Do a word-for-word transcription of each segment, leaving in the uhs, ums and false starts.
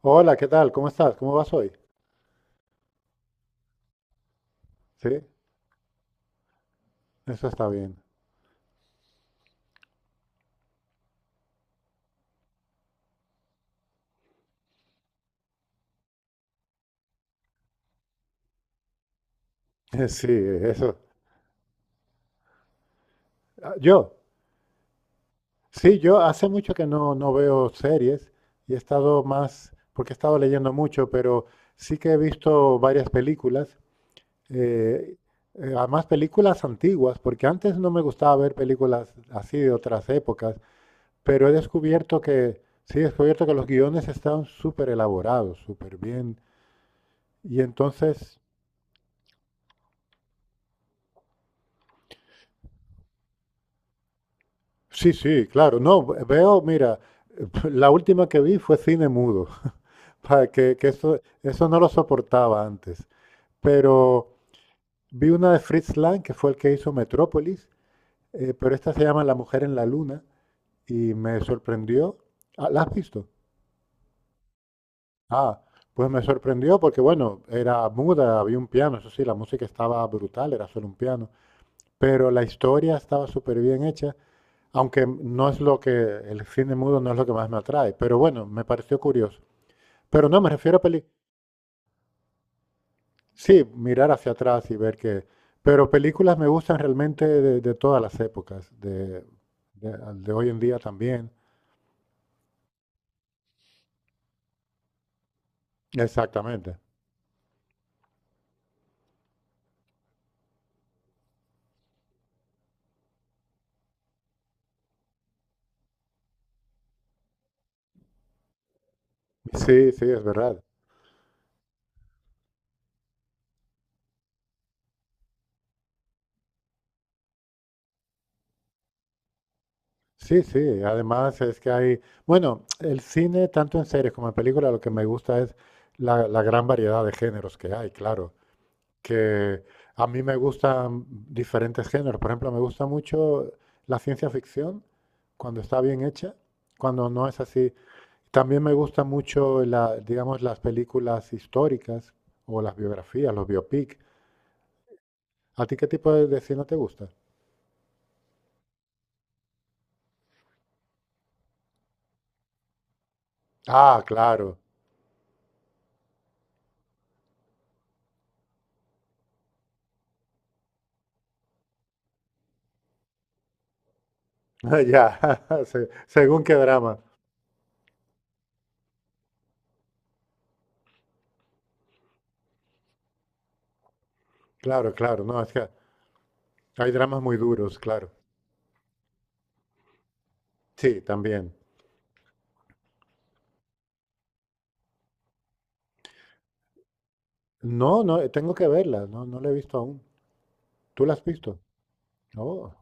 Hola, ¿qué tal? ¿Cómo estás? ¿Cómo vas hoy? Sí, eso está bien. Sí, eso. Ah, Yo, sí, yo hace mucho que no, no veo series y he estado más, porque he estado leyendo mucho, pero sí que he visto varias películas, eh, eh, además películas antiguas, porque antes no me gustaba ver películas así de otras épocas, pero he descubierto que, sí, he descubierto que los guiones están súper elaborados, súper bien, y entonces. Sí, sí, claro. No, ve- veo, mira, la última que vi fue cine mudo. Para que, que eso, eso no lo soportaba antes. Pero vi una de Fritz Lang, que fue el que hizo Metrópolis, eh, pero esta se llama La Mujer en la Luna y me sorprendió. Ah, ¿la has visto? Ah, pues me sorprendió porque, bueno, era muda, había un piano, eso sí, la música estaba brutal, era solo un piano, pero la historia estaba súper bien hecha. Aunque no es lo que, el cine mudo no es lo que más me atrae, pero bueno, me pareció curioso. Pero no, me refiero a películas. Sí, mirar hacia atrás y ver que... Pero películas me gustan realmente de, de todas las épocas, de, de, de hoy en día también. Exactamente. Sí, sí, es verdad. Sí, sí, además es que hay, bueno, el cine, tanto en series como en películas, lo que me gusta es la, la gran variedad de géneros que hay, claro, que a mí me gustan diferentes géneros. Por ejemplo, me gusta mucho la ciencia ficción cuando está bien hecha, cuando no es así. También me gusta mucho la, digamos, las películas históricas o las biografías, los biopic. ¿A ti qué tipo de, de cine te gusta? Ah, claro. Ya, se- según qué drama. Claro, claro. No, es que hay dramas muy duros, claro. Sí, también. No, no, eh, tengo que verla. No, no la he visto aún. ¿Tú la has visto? No.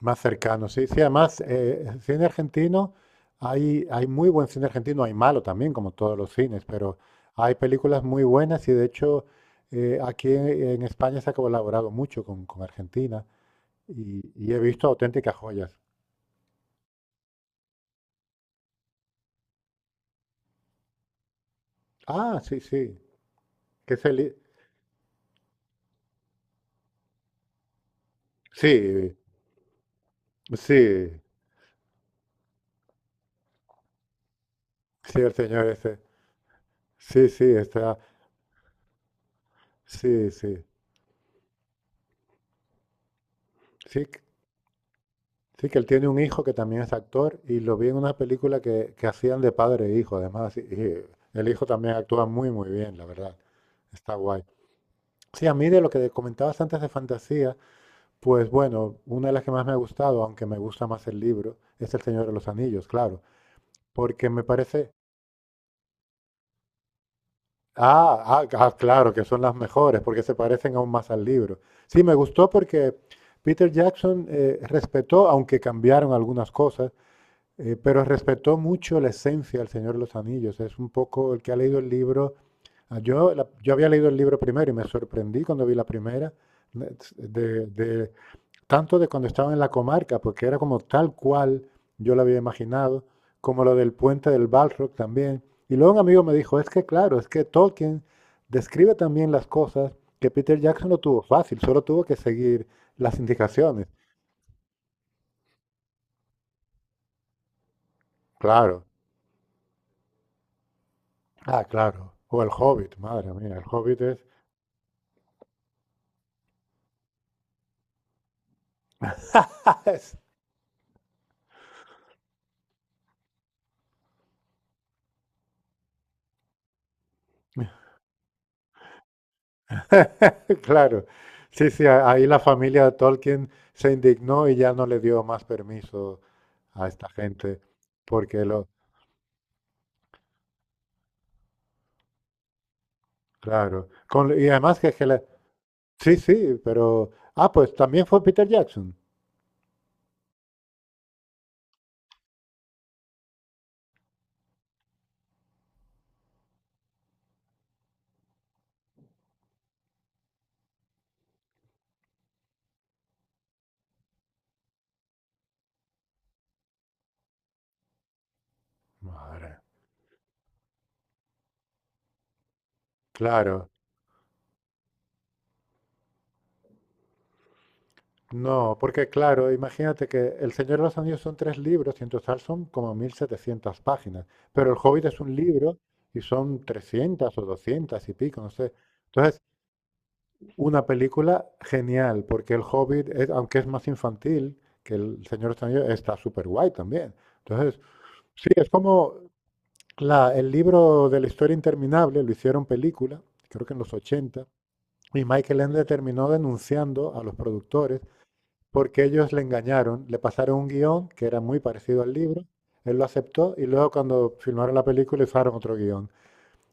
Más cercano, sí. Sí, además, eh, cine argentino, hay, hay muy buen cine argentino, hay malo también, como todos los cines, pero hay películas muy buenas y de hecho, eh, aquí en, en España se ha colaborado mucho con, con Argentina y, y he visto auténticas joyas. Ah, sí, sí. Que es el... Sí, sí, sí, el señor ese. Sí, sí, está. Sí, sí. Sí, Sí, que él tiene un hijo que también es actor y lo vi en una película que, que hacían de padre e hijo, además, y y el hijo también actúa muy, muy bien, la verdad. Está guay. Sí, a mí de lo que comentabas antes de fantasía, pues bueno, una de las que más me ha gustado, aunque me gusta más el libro, es El Señor de los Anillos, claro, porque me parece... Ah, ah, ah, claro, que son las mejores, porque se parecen aún más al libro. Sí, me gustó porque Peter Jackson, eh, respetó, aunque cambiaron algunas cosas. Eh, pero respetó mucho la esencia del Señor de los Anillos. Es un poco el que ha leído el libro. ah, Yo, la- yo había leído el libro primero y me sorprendí cuando vi la primera, de, de- de- tanto de cuando estaba en la comarca, porque era como tal cual yo lo había imaginado, como lo del puente del Balrog también. Y luego un amigo me dijo, es que claro, es que Tolkien describe también las cosas que Peter Jackson no tuvo fácil, solo tuvo que seguir las indicaciones. Claro, ah, claro. O el Hobbit, madre mía, el Hobbit es... Es- Claro, sí, sí, a- ahí la familia de Tolkien se indignó y ya no le dio más permiso a esta gente, porque lo, claro, con- y además que, que la- sí, sí, pero, ah, pues también fue Peter Jackson. Madre. Claro, no, porque claro, imagínate que El Señor de los Anillos son tres libros y en total son como mil setecientas páginas, pero El Hobbit es un libro y son trescientas o doscientas y pico, no sé. Entonces, una película genial, porque El Hobbit, es- aunque es más infantil que El Señor de los Anillos, está súper guay también. Entonces, sí, es como la- el libro de La Historia Interminable, lo hicieron película, creo que en los ochenta, y Michael Ende terminó denunciando a los productores porque ellos le engañaron, le pasaron un guión que era muy parecido al libro, él lo aceptó y luego cuando filmaron la película usaron otro guión.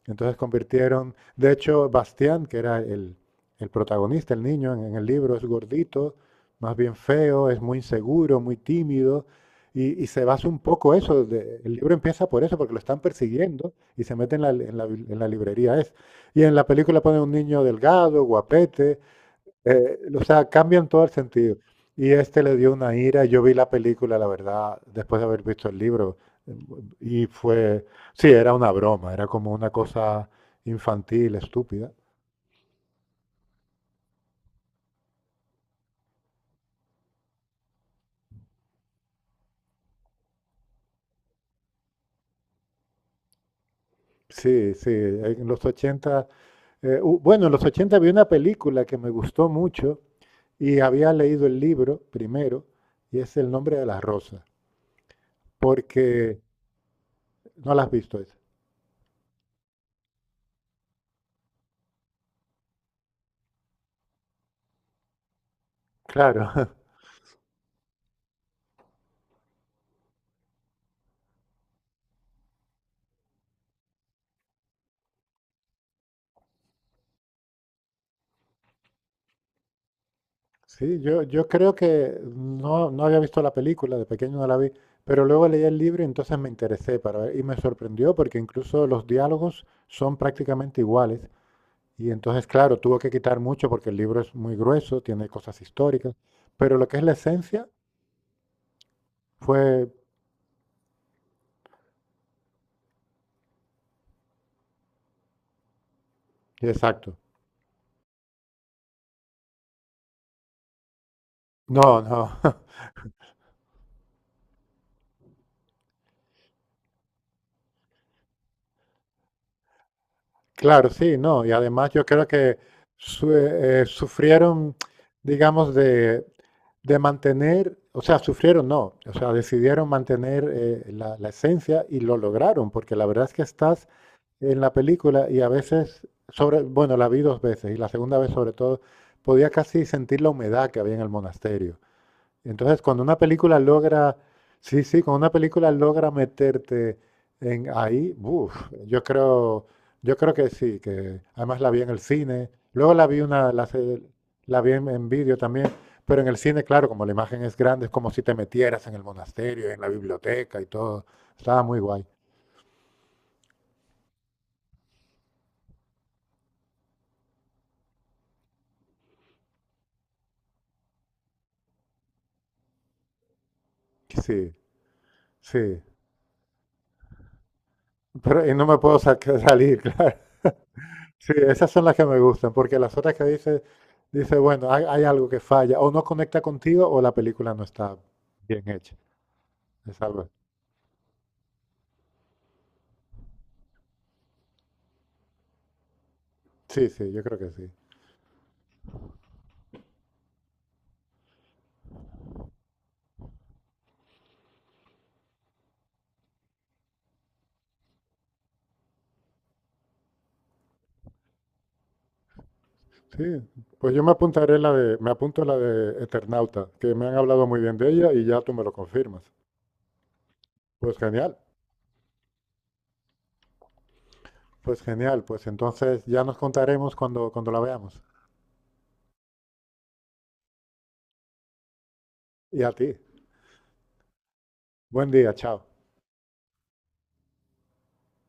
Entonces convirtieron, de hecho, Bastián, que era el, el protagonista, el niño en, en el libro, es gordito, más bien feo, es muy inseguro, muy tímido, y, y se basa un poco eso, de- el libro empieza por eso, porque lo están persiguiendo y se mete en la, en la en la librería. Es. Y en la película ponen un niño delgado, guapete, eh, o sea, cambian todo el sentido. Y este le dio una ira. Yo vi la película, la verdad, después de haber visto el libro. eh, Y fue, sí, era una broma, era como una cosa infantil, estúpida. Sí, sí, en los ochenta, eh, u- bueno, en los ochenta vi una película que me gustó mucho y había leído el libro primero, y es El Nombre de las Rosas, porque no la has visto esa. Claro, sí, yo, yo creo que no, no había visto la película, de pequeño no la vi, pero luego leí el libro y entonces me interesé para ver, y me sorprendió porque incluso los diálogos son prácticamente iguales. Y entonces, claro, tuvo que quitar mucho porque el libro es muy grueso, tiene cosas históricas, pero lo que es la esencia fue exacto. No, no. Claro, sí, no. Y además yo creo que su- eh, eh, sufrieron, digamos, de, de mantener, o sea, sufrieron no, o sea, decidieron mantener, eh, la, la esencia, y lo lograron, porque la verdad es que estás en la película y a veces, sobre, bueno, la vi dos veces y la segunda vez sobre todo, podía casi sentir la humedad que había en el monasterio. Entonces, cuando una película logra, sí, sí, cuando una película logra meterte en ahí, uf, yo creo, yo creo que sí, que además la vi en el cine, luego la vi una, la, se- la vi en, en vídeo también, pero en el cine, claro, como la imagen es grande, es como si te metieras en el monasterio, en la biblioteca y todo. Estaba muy guay. Sí, sí. Pero y no me puedo sa- salir, claro. Sí, esas son las que me gustan, porque las otras que dice, dice, bueno, hay, hay algo que falla, o no conecta contigo, o la película no está bien hecha. Es algo. Sí, sí, yo creo que sí. Sí, pues yo me apuntaré la de, me apunto la de Eternauta, que me han hablado muy bien de ella y ya tú me lo confirmas. Pues genial, pues genial, pues entonces ya nos contaremos cuando, cuando la veamos. Y a ti, buen día, chao.